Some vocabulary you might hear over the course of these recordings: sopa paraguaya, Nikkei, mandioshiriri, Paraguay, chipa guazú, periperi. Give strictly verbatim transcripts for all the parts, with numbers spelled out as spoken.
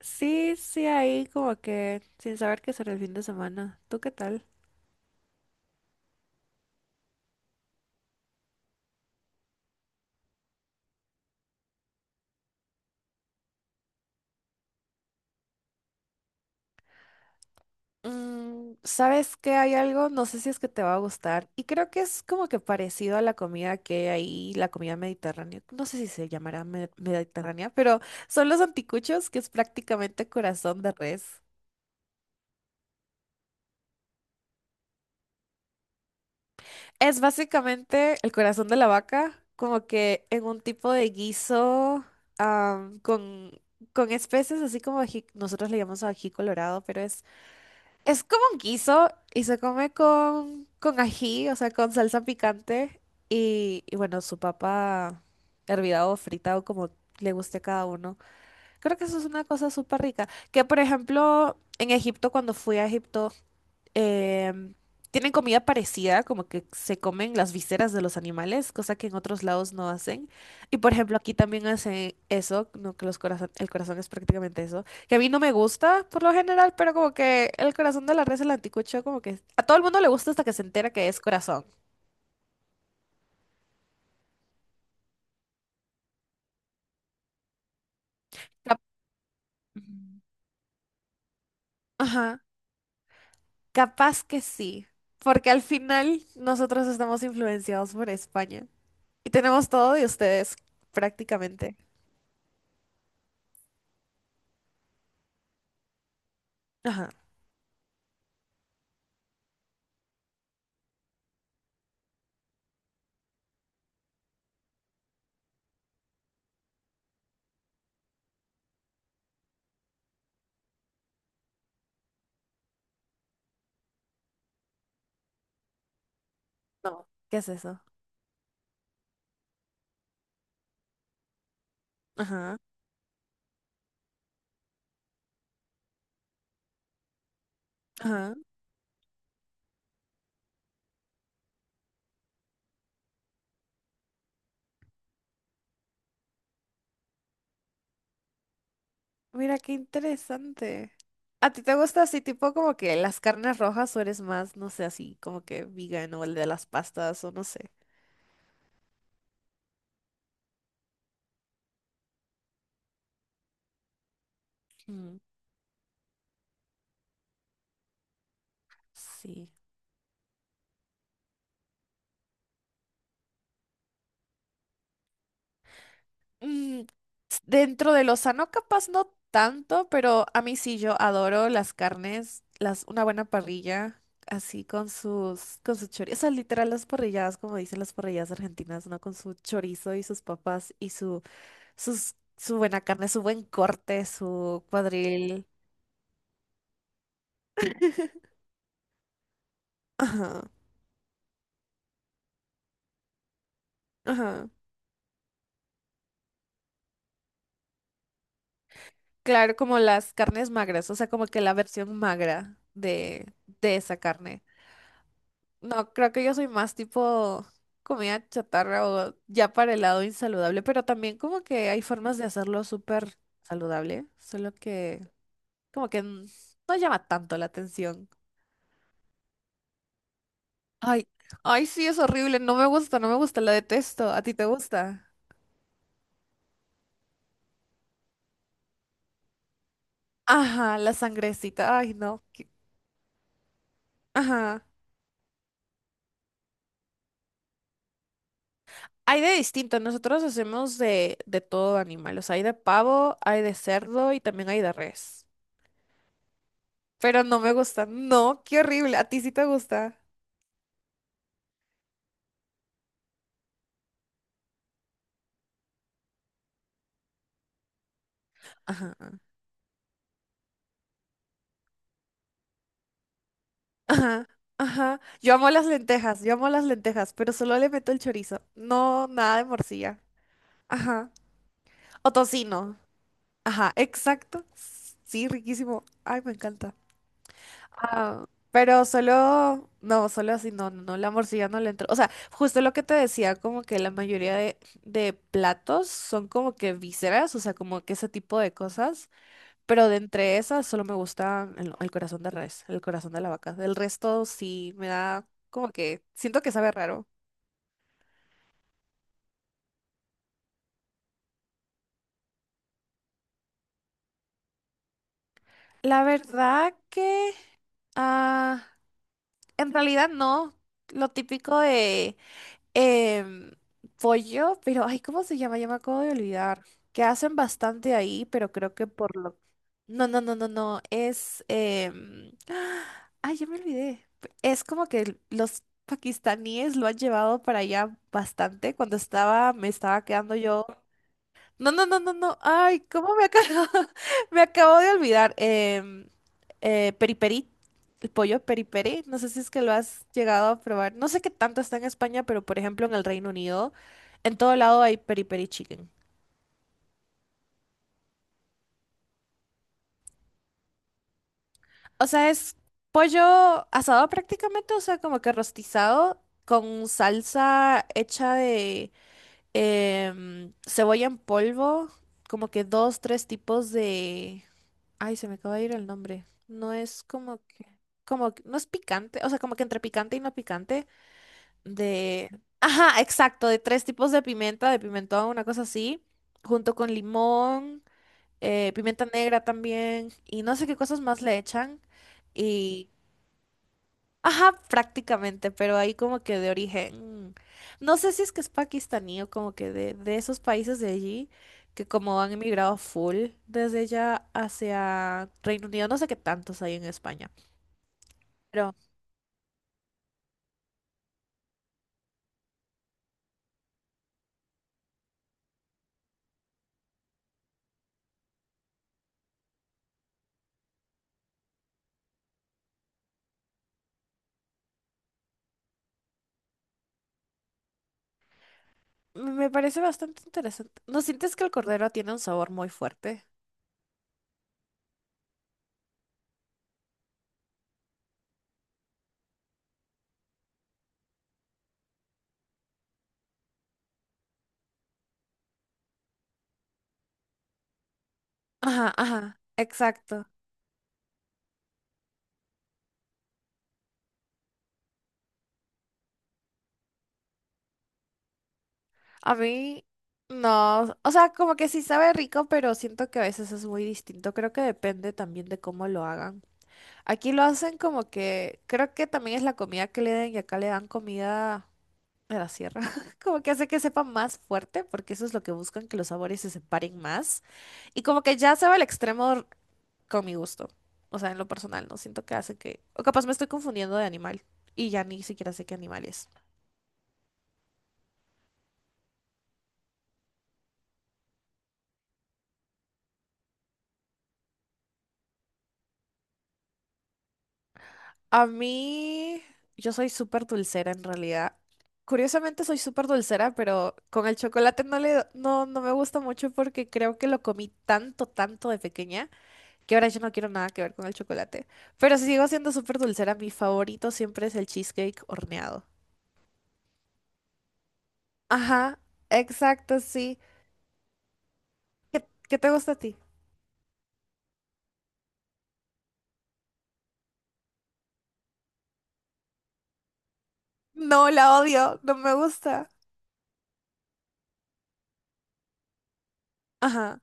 Sí, sí, ahí como que sin saber qué será el fin de semana. ¿Tú qué tal? Mm, ¿sabes qué? Hay algo, no sé si es que te va a gustar, y creo que es como que parecido a la comida que hay ahí, la comida mediterránea, no sé si se llamará me- mediterránea, pero son los anticuchos, que es prácticamente corazón de res. Es básicamente el corazón de la vaca, como que en un tipo de guiso, am, con, con especies, así como ají- nosotros le llamamos ají colorado, pero es es como un guiso y se come con, con ají, o sea, con salsa picante y, y bueno, su papa hervida o frita o como le guste a cada uno. Creo que eso es una cosa súper rica. Que por ejemplo, en Egipto, cuando fui a Egipto, em, tienen comida parecida, como que se comen las vísceras de los animales, cosa que en otros lados no hacen. Y por ejemplo, aquí también hacen eso, no que los corazón, el corazón es prácticamente eso, que a mí no me gusta por lo general, pero como que el corazón de la res, el anticucho, como que a todo el mundo le gusta hasta que se entera que es corazón. Cap- Mm. Ajá, capaz que sí, porque al final nosotros estamos influenciados por España y tenemos todo de ustedes prácticamente. Ajá, no, ¿qué es eso? Ajá. Ajá. Mira, qué interesante. ¿A ti te gusta así tipo como que las carnes rojas o eres más, no sé, así como que vegan o el de las pastas o no sé? Mm, sí. Mm, s- dentro de lo sano capaz no tanto, pero a mí sí yo adoro las carnes, las, una buena parrilla, así con sus, con su chorizo, o sea, literal las parrilladas, como dicen las parrilladas argentinas, ¿no? Con su chorizo y sus papas y su, sus, su buena carne, su buen corte, su cuadril. Ajá, ajá. Claro, como las carnes magras, o sea, como que la versión magra de, de esa carne. No, creo que yo soy más tipo comida chatarra o ya para el lado insaludable, pero también como que hay formas de hacerlo súper saludable, solo que como que n- no llama tanto la atención. Ay, ay, sí, es horrible, no me gusta, no me gusta, la detesto. ¿A ti te gusta? Ajá, la sangrecita, ay, no. qué- Ajá. Hay de distinto, nosotros hacemos de, de todo animal, o sea, hay de pavo, hay de cerdo y también hay de res. Pero no me gusta, no, qué horrible, a ti sí te gusta. Ajá, ajá, ajá. Yo amo las lentejas, yo amo las lentejas, pero solo le meto el chorizo, no, nada de morcilla. Ajá, o tocino, ajá, exacto, sí, riquísimo, ay, me encanta. Ah, pero solo, no, solo así, no, no, no, la morcilla no le entró. O sea, justo lo que te decía, como que la mayoría de, de platos son como que vísceras, o sea, como que ese tipo de cosas, pero de entre esas solo me gusta el, el corazón de res, el corazón de la vaca. El resto sí me da como que, siento que sabe raro. La verdad que, ah, en realidad no, lo típico em, pollo, pero ay, ¿cómo se llama? Ya me acabo de olvidar. Que hacen bastante ahí, pero creo que por lo... No, no, no, no, no. Es... em, Ay, ya me olvidé. P- Es como que los pakistaníes lo han llevado para allá bastante. Cuando estaba, me estaba quedando yo. No, no, no, no, no. Ay, ¿cómo me acabo? Me acabo de olvidar. Em, eh, periperi, el pollo periperi. No sé si es que lo has llegado a probar. No sé qué tanto está en España, pero por ejemplo en el Reino Unido, en todo lado hay periperi chicken. O sea, es pollo asado prácticamente, o sea, como que rostizado con salsa hecha de em, cebolla en polvo, como que dos, tres tipos de Ay, se me acaba de ir el nombre. No es como que, como, que- no es picante, o sea, como que entre picante y no picante, de, ajá, exacto, de tres tipos de pimienta, de pimentón, una cosa así, junto con limón, eh, pimienta negra también, y no sé qué cosas más le echan. Ajá, prácticamente, pero ahí como que de origen, mm, no sé si es que es pakistaní o como que de, de esos países de allí, que como han emigrado full desde ya hacia Reino Unido, no sé qué tantos hay en España, pero me me parece bastante interesante. ¿No sientes que el cordero tiene un sabor muy fuerte? Ajá, ajá, exacto. A mí no, o sea, como que sí sabe rico, pero siento que a veces es muy distinto. Creo que depende también de cómo lo hagan. Aquí lo hacen como que, creo que también es la comida que le den y acá le dan comida de la sierra, como que hace que sepa más fuerte, porque eso es lo que buscan, que los sabores se separen más. Y como que ya se va al extremo r- con mi gusto, o sea, en lo personal, no siento que hace que, o capaz me estoy confundiendo de animal y ya ni siquiera sé qué animal es. A mí, yo soy súper dulcera en realidad. Curiosamente soy súper dulcera, pero con el chocolate no le, no, no me gusta mucho porque creo que lo comí tanto, tanto de pequeña que ahora yo no quiero nada que ver con el chocolate. Pero si sigo siendo súper dulcera, mi favorito siempre es el cheesecake horneado. Ajá, exacto, sí. ¿Qué, qué te gusta a ti? No, la odio, no me gusta. Ajá,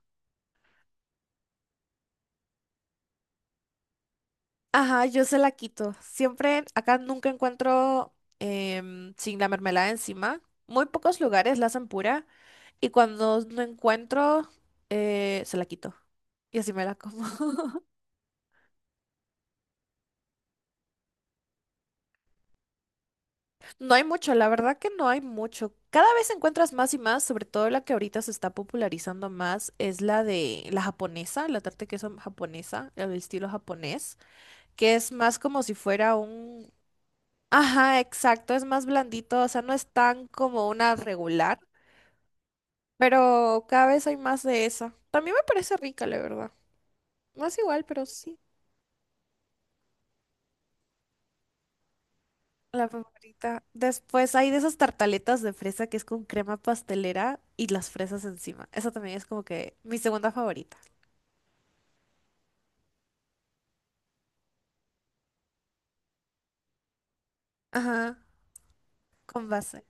ajá, yo se la quito. Siempre, acá nunca encuentro em, sin la mermelada encima. Muy pocos lugares la hacen pura. Y cuando no encuentro, eh, se la quito. Y así me la como. No hay mucho, la verdad que no hay mucho. Cada vez encuentras más y más, sobre todo la que ahorita se está popularizando más, es la de la japonesa, la tarta de queso japonesa, el estilo japonés, que es más como si fuera un... Ajá, exacto, es más blandito, o sea, no es tan como una regular, pero cada vez hay más de esa. También me parece rica, la verdad. No es igual, pero sí. La favorita. Después hay de esas tartaletas de fresa que es con crema pastelera y las fresas encima. Esa también es como que mi segunda favorita. Ajá, con base.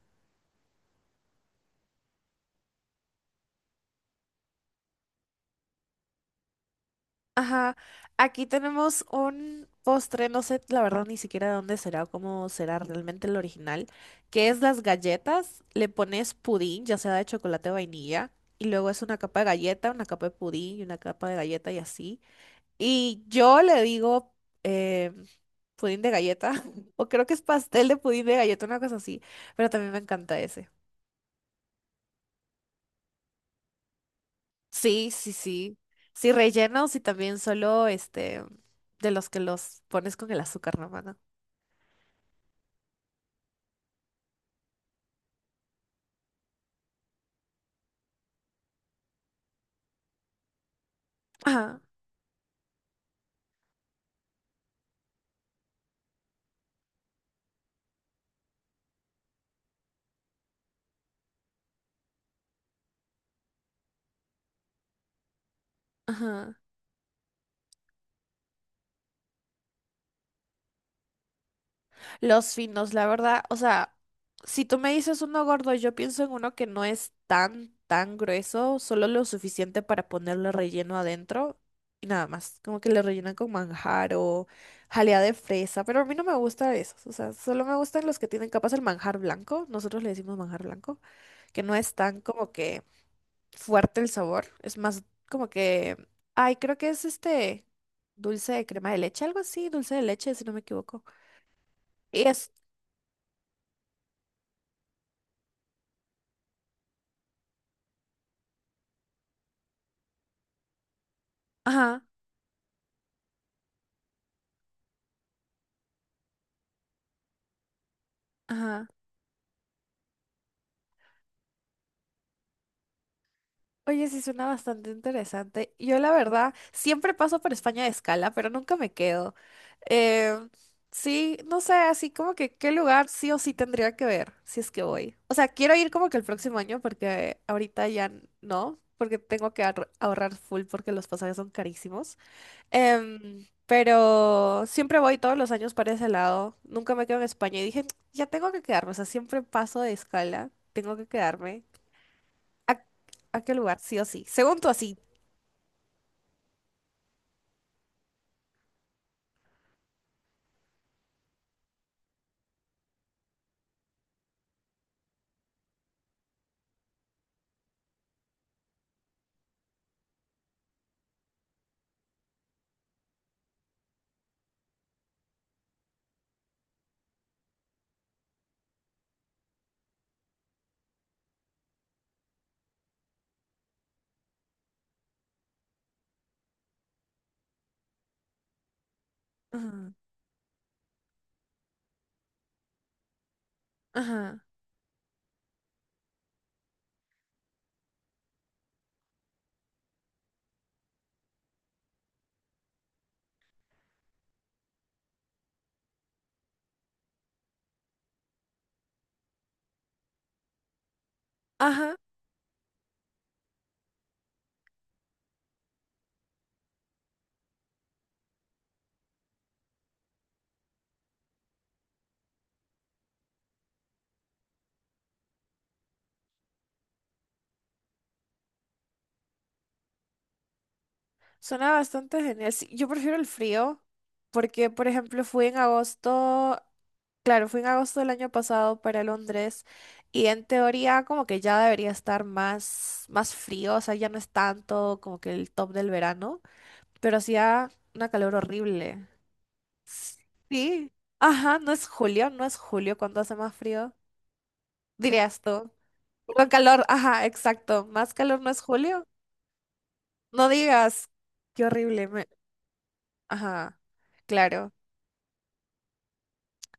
Ajá. Aquí tenemos un postre, no sé la verdad ni siquiera de dónde será o cómo será realmente el original, que es las galletas. Le pones pudín, ya sea de chocolate o vainilla, y luego es una capa de galleta, una capa de pudín y una capa de galleta y así. Y yo le digo eh, pudín de galleta, o creo que es pastel de pudín de galleta, una cosa así, pero también me encanta ese. Sí, sí, sí. Sí, rellenos y también solo este de los que los pones con el azúcar, hermano. Ajá, ajá. Los finos, la verdad, o sea, si tú me dices uno gordo, yo pienso en uno que no es tan, tan grueso, solo lo suficiente para ponerle relleno adentro y nada más. Como que le rellenan con manjar o jalea de fresa, pero a mí no me gusta esos, o sea, solo me gustan los que tienen capas el manjar blanco, nosotros le decimos manjar blanco, que no es tan como que fuerte el sabor, es más como que, ay, creo que es este dulce de crema de leche, algo así, dulce de leche, si no me equivoco. Y es, ajá. Ajá. Oye, sí suena bastante interesante. Yo la verdad siempre paso por España de escala, pero nunca me quedo. Eh, sí, no sé, así como que qué lugar sí o sí tendría que ver si es que voy. O sea, quiero ir como que el próximo año porque ahorita ya n- no, porque tengo que ahor- ahorrar full porque los pasajes son carísimos. Em, pero siempre voy todos los años para ese lado. Nunca me quedo en España y dije, ya tengo que quedarme. O sea, siempre paso de escala, tengo que quedarme. ¿A, a qué lugar? Sí o sí. Según tú, así. Ajá, ajá, ajá. Suena bastante genial. Sí, yo prefiero el frío porque, por ejemplo, fui en agosto, claro, fui en agosto del año pasado para Londres y en teoría como que ya debería estar más, más frío, o sea, ya no es tanto como que el top del verano, pero hacía una calor horrible. Sí. Ajá, no es julio, no es julio cuando hace más frío, dirías tú. Con calor, ajá, exacto. ¿Más calor no es julio? No digas, qué horrible. me- Ajá, claro.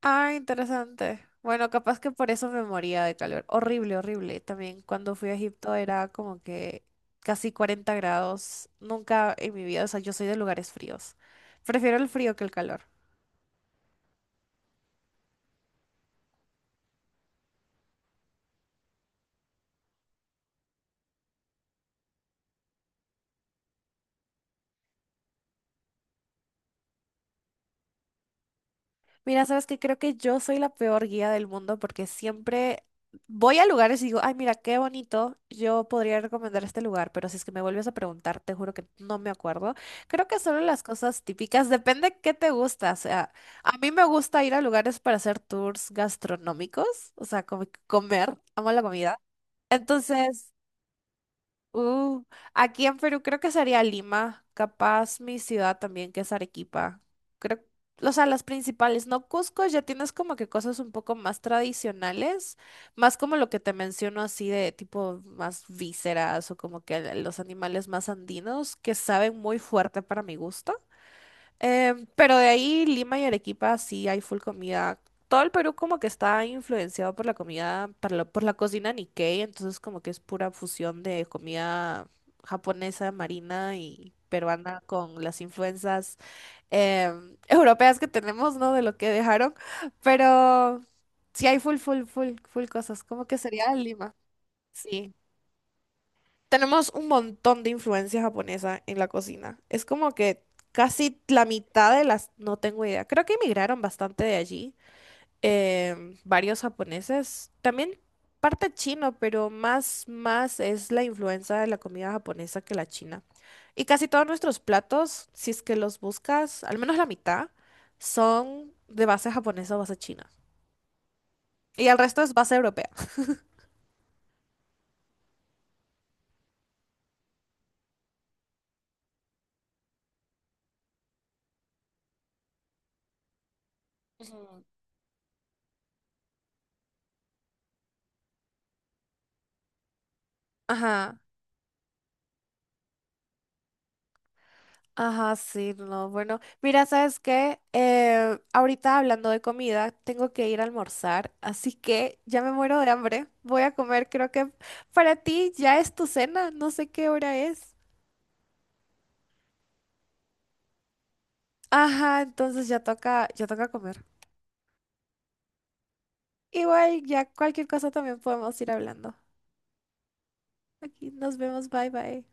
Ah, interesante. Bueno, capaz que por eso me moría de calor. Horrible, horrible. También cuando fui a Egipto era como que casi cuarenta grados. Nunca en mi vida, o sea, yo soy de lugares fríos. Prefiero el frío que el calor. Mira, sabes que creo que yo soy la peor guía del mundo porque siempre voy a lugares y digo, ay, mira, qué bonito, yo podría recomendar este lugar, pero si es que me vuelves a preguntar, te juro que no me acuerdo. Creo que solo las cosas típicas, depende qué te gusta. O sea, a mí me gusta ir a lugares para hacer tours gastronómicos, o sea, como comer, amo la comida. Entonces, Uh, aquí en Perú creo que sería Lima, capaz mi ciudad también, que es Arequipa. Creo, o sea, las principales, ¿no? Cusco ya tienes como que cosas un poco más tradicionales, más como lo que te menciono así de tipo más vísceras o como que los animales más andinos que saben muy fuerte para mi gusto. Em, pero de ahí Lima y Arequipa sí hay full comida. Todo el Perú como que está influenciado por la comida, por la, por la cocina Nikkei, entonces como que es pura fusión de comida japonesa, marina y peruana con las influencias em, europeas que tenemos, ¿no? De lo que dejaron. Pero sí hay full, full, full, full cosas. Como que sería Lima. Sí. Tenemos un montón de influencia japonesa en la cocina. Es como que casi la mitad de las, no tengo idea. Creo que emigraron bastante de allí. Em, varios japoneses. También parte chino, pero más, más es la influencia de la comida japonesa que la china. Y casi todos nuestros platos, si es que los buscas, al menos la mitad, son de base japonesa o base china. Y el resto es base europea. Ajá. Ajá, sí, no, bueno, mira, ¿sabes qué? Eh, ahorita hablando de comida, tengo que ir a almorzar, así que ya me muero de hambre. Voy a comer, creo que para ti ya es tu cena, no sé qué hora es. Ajá, entonces ya toca, ya toca comer. Igual, ya cualquier cosa también podemos ir hablando. Aquí nos vemos, bye bye.